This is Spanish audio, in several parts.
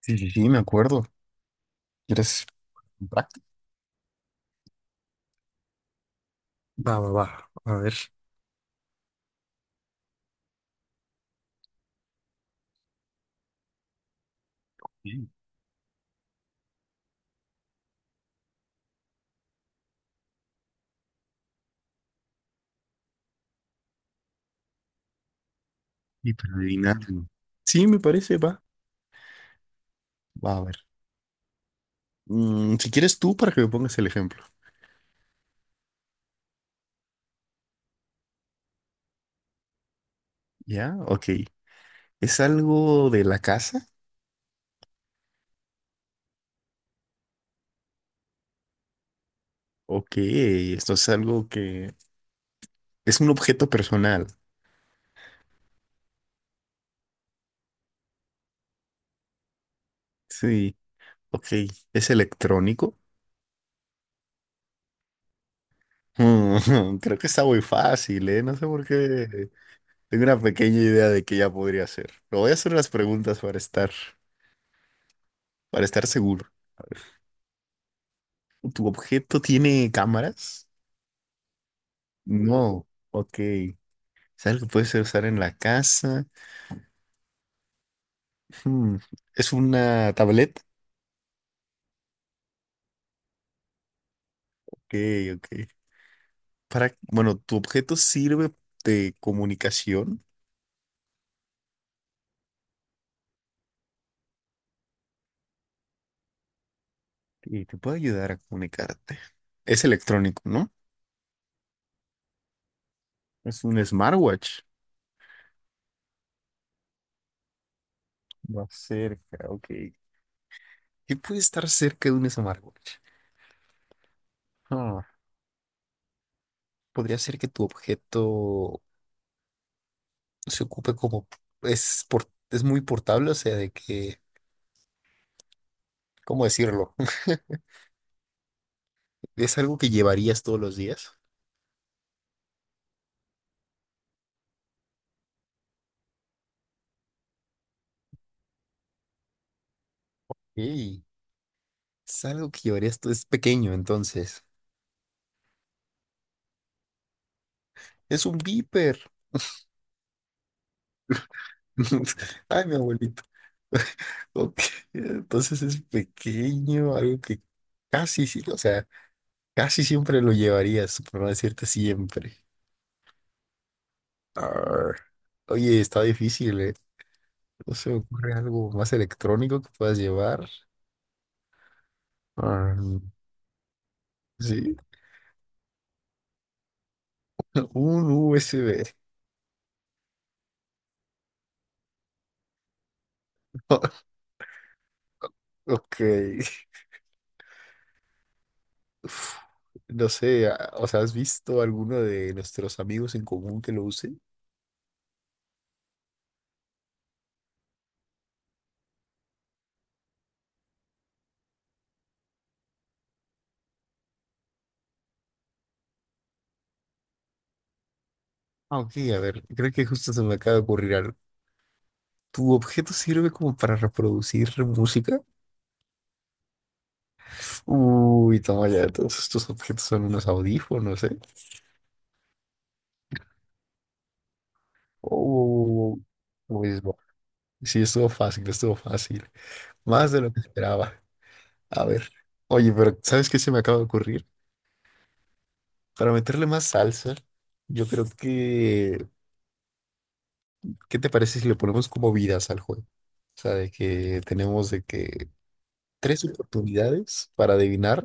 Sí, sí, sí, me acuerdo. ¿Quieres práctica? Va, va, va. A ver. Sí, y para adivinarlo. Sí, me parece, va. Va, a ver. Si quieres tú, para que me pongas el ejemplo. Ya, ok. ¿Es algo de la casa? Ok, esto es algo que. Es un objeto personal. Sí, ok. ¿Es electrónico? Creo que está muy fácil, ¿eh? No sé por qué. Tengo una pequeña idea de que ya podría ser. Pero voy a hacer las preguntas para estar, seguro. ¿Tu objeto tiene cámaras? No, ok. ¿Es algo que puede ser usar en la casa? Hmm, ¿Es una tableta? Ok, ok. Bueno, ¿tu objeto sirve de comunicación? Y te puede ayudar a comunicarte. Es electrónico, ¿no? Es un smartwatch. Va cerca, ok. ¿Qué puede estar cerca de un smartwatch? Ah, podría ser que tu objeto se ocupe como. Es muy portable, o sea, de que, ¿cómo decirlo? Es algo que llevarías todos los días. Ey, es algo que llevarías. Es pequeño, entonces. Es un viper. Ay, mi abuelito. Ok, entonces es pequeño, algo que casi, o sea, casi siempre lo llevarías, por no decirte siempre. Arr. Oye, está difícil, ¿eh? ¿No se me ocurre algo más electrónico que puedas llevar? Arr, sí, un USB. Ok. Uf, no sé, o sea, ¿has visto alguno de nuestros amigos en común que lo use? Ah, ok, a ver, creo que justo se me acaba de ocurrir algo. ¿Tu objeto sirve como para reproducir música? Uy, toma ya, todos estos objetos son unos audífonos, ¿eh? Oh, pues bueno. Sí, estuvo fácil, estuvo fácil. Más de lo que esperaba. A ver. Oye, pero ¿sabes qué se me acaba de ocurrir? Para meterle más salsa, yo creo que, ¿qué te parece si le ponemos como vidas al juego? O sea, de que tenemos de que tres oportunidades para adivinar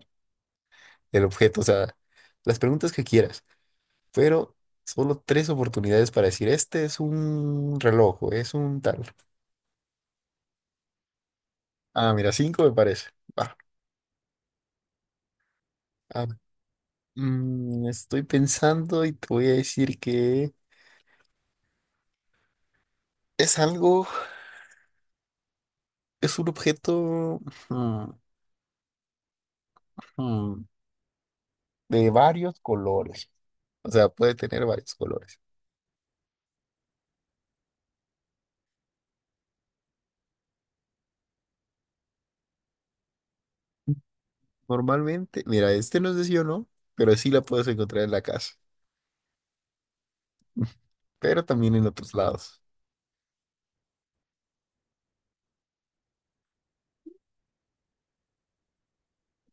el objeto. O sea, las preguntas que quieras, pero solo tres oportunidades para decir, este es un reloj, o es un tal. Ah, mira, cinco me parece. Va. Ah, estoy pensando y te voy a decir que es algo, es un objeto, mm, mm, de varios colores. O sea, puede tener varios colores. Normalmente, mira, este no es de sí o no, pero sí la puedes encontrar en la casa, pero también en otros lados.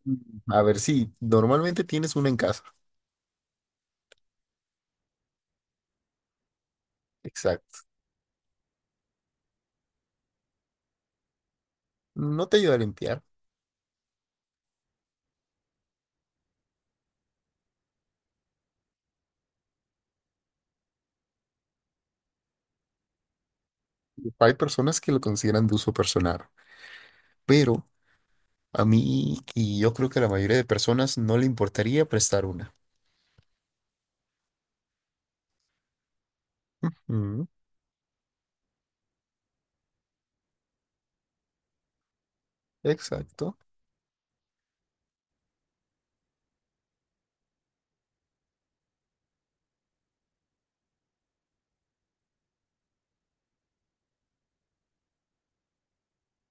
Mm. A ver, sí, normalmente tienes una en casa. Exacto. No te ayuda a limpiar. Hay personas que lo consideran de uso personal, pero a mí y yo creo que a la mayoría de personas no le importaría prestar una. Ujú, exacto.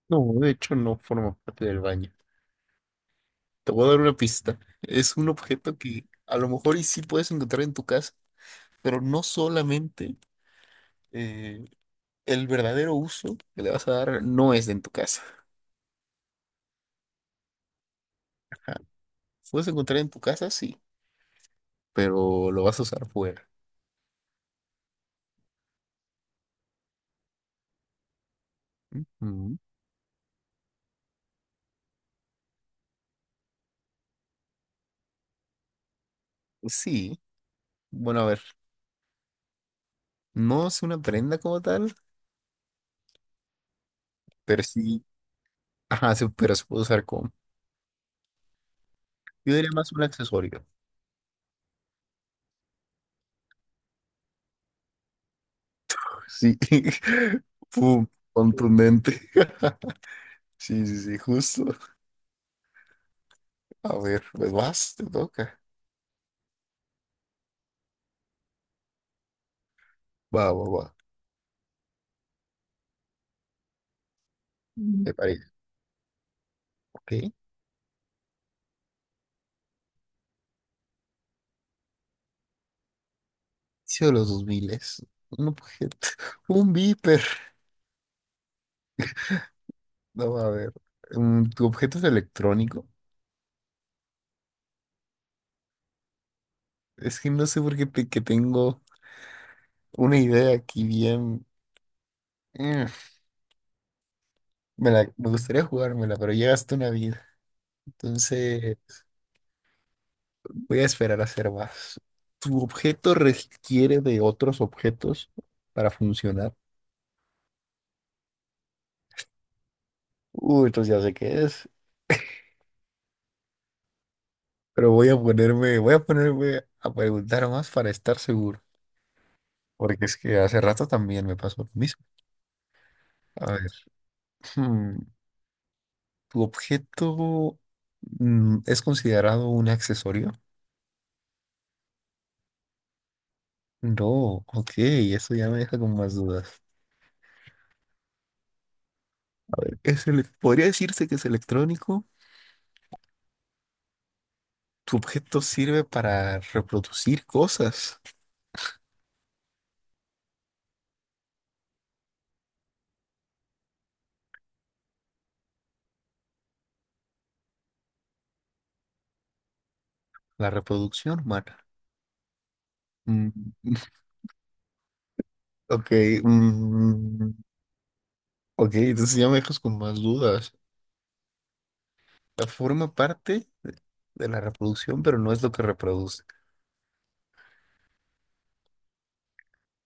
No, de hecho no forma parte del baño. Te voy a dar una pista. Es un objeto que a lo mejor y sí puedes encontrar en tu casa, pero no solamente eh, el verdadero uso que le vas a dar no es en tu casa. Ajá. Puedes encontrar en tu casa, sí, pero lo vas a usar fuera. Mm. Sí, bueno, a ver, no es una prenda como tal, pero sí, ajá, pero se puede usar como, yo diría más un accesorio. Sí, pum, contundente. Sí, sí, sí, justo. A ver, pues vas, te toca. Va, va, va. Mm. Me parece, ok. Inicio de los 2000, un objeto, un viper. No, a ver. ¿Tu objeto es electrónico? Es que no sé por qué que tengo una idea aquí bien. Mm, Me gustaría jugármela, pero ya gasté una vida. Entonces voy a esperar a hacer más. ¿Tu objeto requiere de otros objetos para funcionar? Uy, entonces ya sé qué es. Pero voy a ponerme a preguntar más para estar seguro. Porque es que hace rato también me pasó lo mismo. A ver. hmm, ¿Tu objeto, es considerado un accesorio? No, ok, eso ya me deja con más dudas. A ver, ¿podría decirse que es electrónico? ¿Tu objeto sirve para reproducir cosas? La reproducción humana. Mm, ok, mm, ok, entonces ya me dejas con más dudas. Forma parte de la reproducción, pero no es lo que reproduce.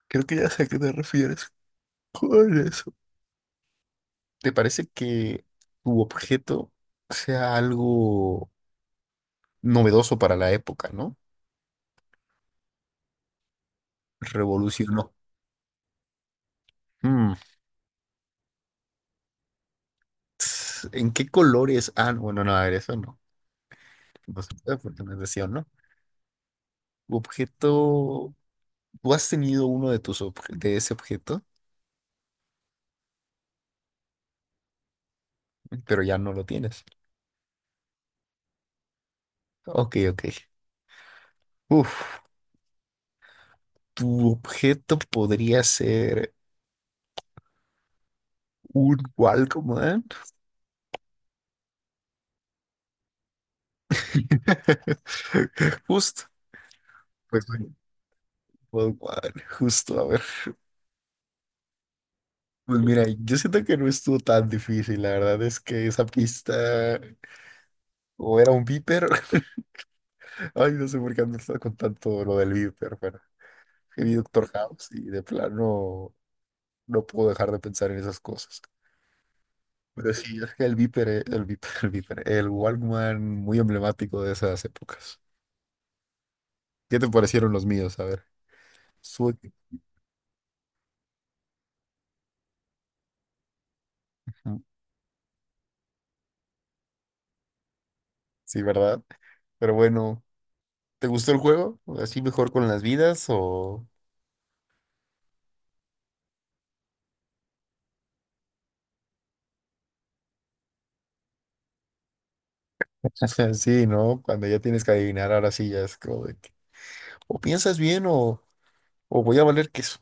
Creo que ya sé a qué te refieres con eso. ¿Te parece que tu objeto sea algo novedoso para la época, no? Revolucionó. Mm, ¿En qué colores? Ah, no, bueno, no, a ver, eso no. No se puede porque no es decisión, ¿no? Tu objeto. Tú has tenido uno de ese objeto, pero ya no lo tienes. Ok, ok. Uf, tu objeto podría ser un Walkman. Justo. Pues, un Walkman, justo, a ver. Pues mira, yo siento que no estuvo tan difícil, la verdad es que esa pista o era un viper, ay, no sé por qué ando con tanto lo del viper, pero he vi Doctor House y de plano no puedo dejar de pensar en esas cosas. Pero sí, es que el viper, el viper, el Walkman muy emblemático de esas épocas. ¿Qué te parecieron los míos? A ver, sue- sí, ¿verdad? Pero bueno, ¿te gustó el juego? ¿Así mejor con las vidas o...? Sí, ¿no? Cuando ya tienes que adivinar, ahora sí ya es como de que, o piensas bien o, voy a valer queso.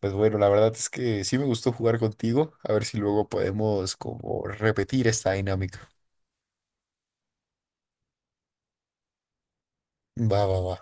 Pues bueno, la verdad es que sí me gustó jugar contigo. A ver si luego podemos como repetir esta dinámica. Va, va, va.